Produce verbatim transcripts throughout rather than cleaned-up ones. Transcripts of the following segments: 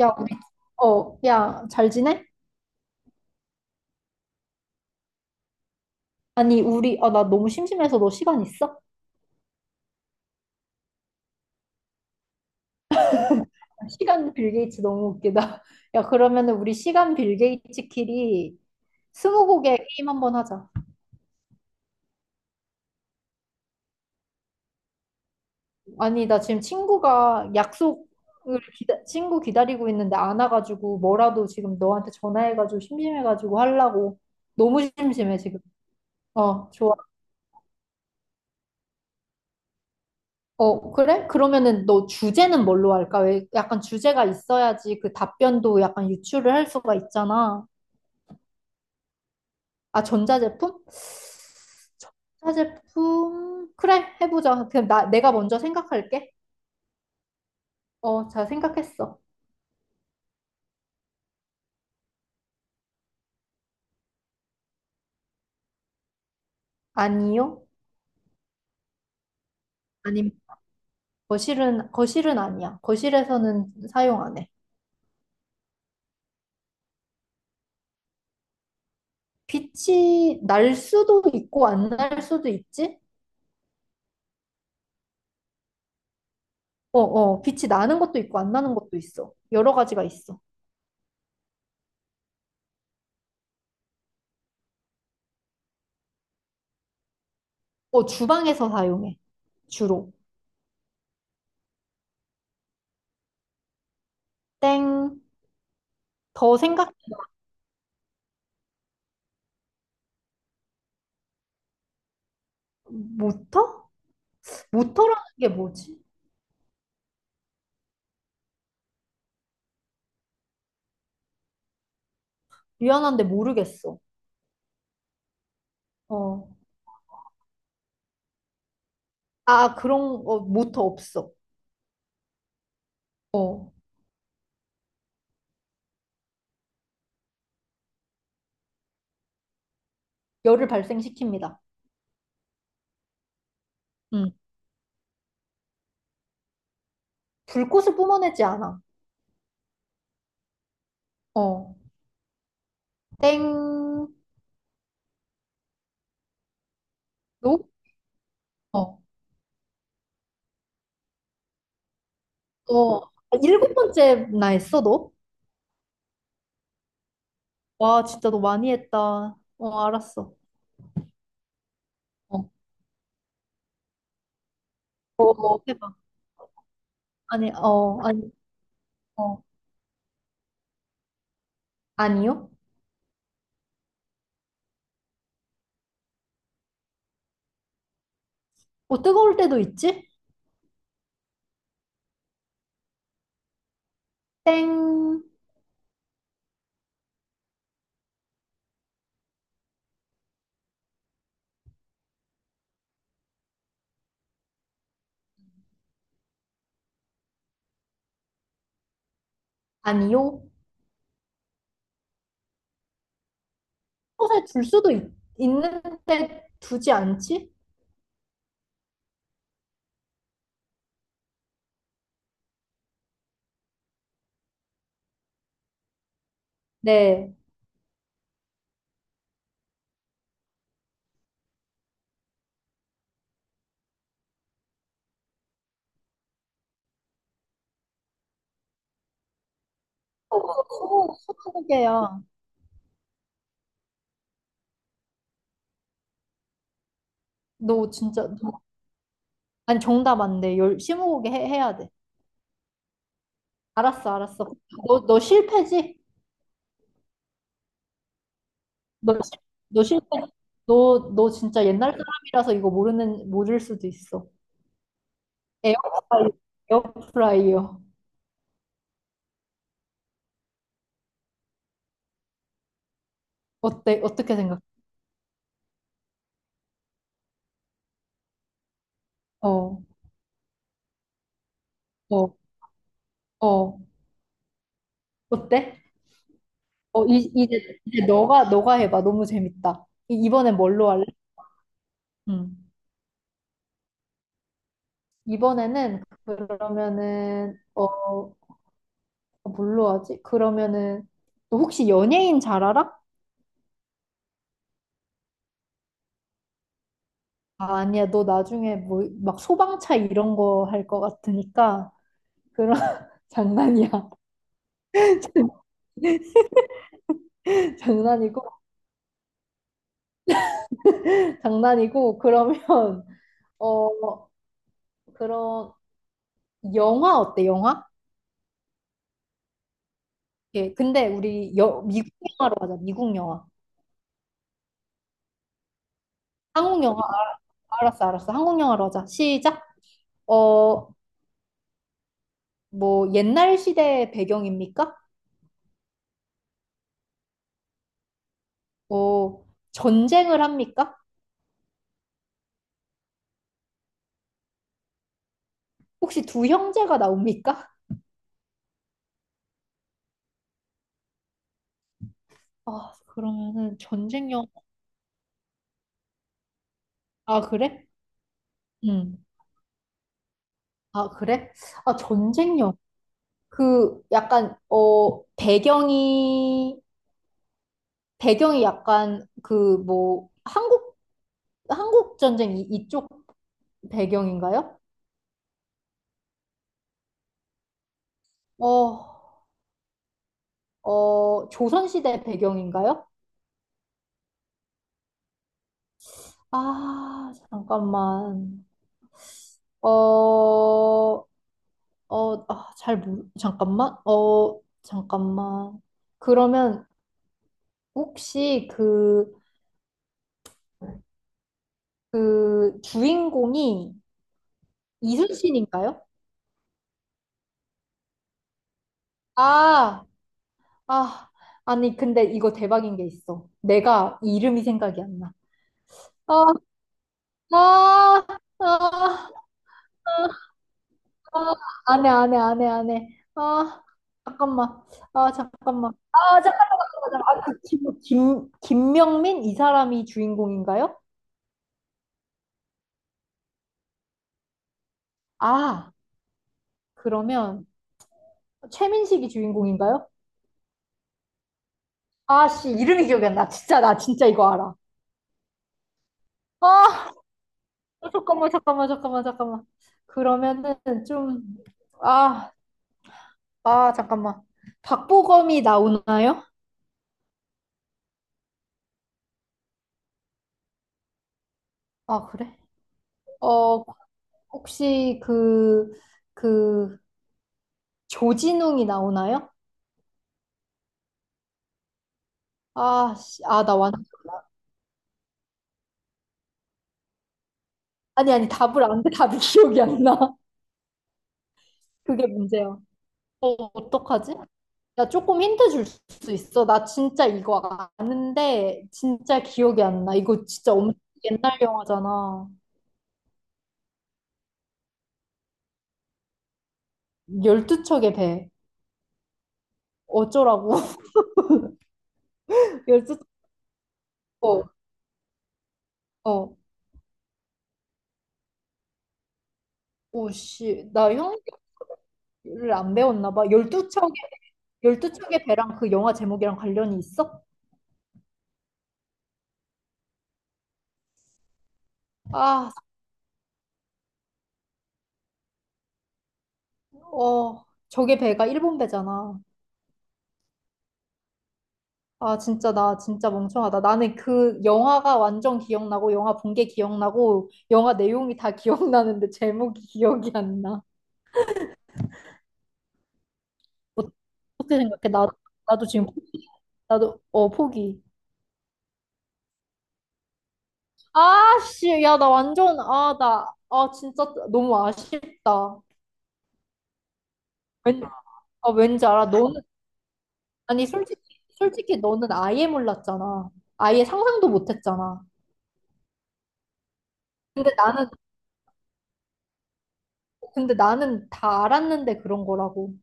야, 우리, 어, 야, 잘 지내? 아니, 우리, 아, 나 너무 심심해서 너 시간 있어? 시간 빌 게이츠 너무 웃기다. 야, 그러면은 우리 시간 빌 게이츠끼리 스무고개 게임 한번 하자. 아니, 나 지금 친구가 약속을 기다, 친구 기다리고 있는데 안 와가지고 뭐라도 지금 너한테 전화해가지고 심심해가지고 하려고. 너무 심심해, 지금. 어, 좋아. 어, 그래? 그러면은 너 주제는 뭘로 할까? 왜 약간 주제가 있어야지 그 답변도 약간 유추를 할 수가 있잖아. 아, 전자제품? 전자제품? 그래, 해보자. 그럼 나, 내가 먼저 생각할게. 어, 잘 생각했어. 아니요? 아님, 거실은, 거실은 아니야. 거실에서는 사용 안 해. 빛이 날 수도 있고, 안 날 수도 있지? 어, 어, 빛이 나는 것도 있고, 안 나는 것도 있어. 여러 가지가 있어. 어, 주방에서 사용해, 주로. 땡. 더 생각, 모터? 모터라는 게 뭐지? 미안한데 모르겠어. 어. 아, 그런, 거 모터 없어. 어. 열을 발생시킵니다. 음. 불꽃을 뿜어내지 않아. 어. 땡. 너? 어. 어. 아, 일곱 번째 나 했어, 너? 와, 진짜 너 많이 했다. 어, 알았어. 어. 어, 어, 해봐. 아니, 어, 아니, 어. 아니요? 어, 뜨거울 때도 있지? 땡. 아니요? 곳에 둘 수도 있, 있는데 두지 않지? 네. 소고개야너 진짜 너, 아니 정답 안 돼. 열 스무고개 해, 해야 돼. 알았어, 알았어. 너, 너 실패지? 너, 실- 너 실패. 너, 너 진짜 옛날 사람이라서 이거 모르는 모를 수도 있어. 에어프라이어. 에어프라이어. 어때? 어떻게 생각해? 어, 어, 어. 어때? 어, 이, 이제, 이제 너가 너가 해봐. 너무 재밌다. 이- 이번엔 뭘로 할래? 응. 이번에는 그러면은 어 뭘로 하지? 그러면은 너 혹시 연예인 잘 알아? 아, 아니야. 너 나중에 뭐 막 소방차 이런 거 할 것 같으니까 그런 장난이야. 장난이고 장난이고 그러면 어 그런 영화 어때? 영화? 예. 근데 우리 여, 미국 영화로 하자. 미국 영화. 한국 영화 알- 알았어 알았어. 한국 영화로 하자. 시작. 어 뭐 옛날 시대 배경입니까? 어, 전쟁을 합니까? 혹시 두 형제가 나옵니까? 아, 그러면은 전쟁 영화. 아, 그래? 응. 아, 그래? 아, 전쟁 영화. 그 약간 어 배경이 배경이 약간 그 뭐 한국 한국 전쟁 이, 이쪽 배경인가요? 어, 어 조선시대 배경인가요? 아, 잠깐만. 어, 어, 아, 잘 모르, 잠깐만. 어, 잠깐만. 그러면 혹시 그, 그 주인공이 이순신인가요? 아, 아, 아니, 근데 이거 대박인 게 있어. 내가 이름이 생각이 안 나. 아, 아, 아, 아, 아, 안 해, 안 해, 안 해, 안 해. 아, 잠깐만. 아, 잠깐만. 아, 잠깐만, 잠깐만. 잠깐만. 아, 그 김, 김, 김명민? 이 사람이 주인공인가요? 아. 그러면 최민식이 주인공인가요? 아씨 이름이 기억이 안 나. 진짜 나 진짜 이거 알아. 아 잠깐만 잠깐만 잠깐만 잠깐만. 그러면은 좀 아 아 잠깐만. 박보검이 나오나요? 아 그래? 어 혹시 그 그 조진웅이 나오나요? 아씨아 나 완 아니 아니 답을 안 돼. 답이 기억이 안 나. 그게 문제야. 어 어떡하지? 야, 조금 힌트 줄 수 있어? 나 진짜 이거 아는데, 진짜 기억이 안 나. 이거 진짜 엄청 옛날 영화잖아. 열두 척의 배. 어쩌라고? 열두 척. 어. 오씨. 나 형을 안 배웠나 봐. 열두 척의, 열두 척의 배랑 그 영화 제목이랑 관련이 있어? 아, 어. 저게 배가 일본 배잖아. 아, 진짜, 나 진짜 멍청하다. 나는 그 영화가 완전 기억나고, 영화 본 게 기억나고, 영화 내용이 다 기억나는데, 제목이 기억이 안 나. 어- 어떻게 생각해? 나, 나도 지금, 포기. 나도, 어, 포기. 아, 씨, 야, 나 완전, 아, 나, 아, 진짜 너무 아쉽다. 왠, 아, 왠지 알아. 너는, 아니, 솔직히, 솔직히 너는 아예 몰랐잖아. 아예 상상도 못 했잖아. 근데 나는, 근데 나는 다 알았는데 그런 거라고.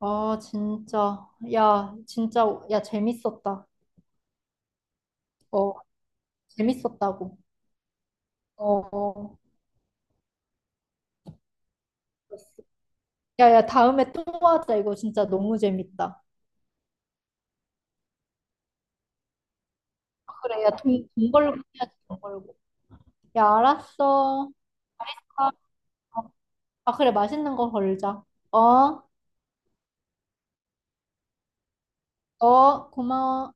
아, 진짜. 야, 진짜. 야, 재밌었다. 어, 재밌었다고. 어. 어. 야, 야, 다음에 또 하자. 이거 진짜 너무 재밌다. 아, 그래, 야, 돈, 돈 걸고 해야지, 돈 걸고. 야, 알았어. 아, 어. 아, 그래, 맛있는 거 걸자. 어? 어, 고마워.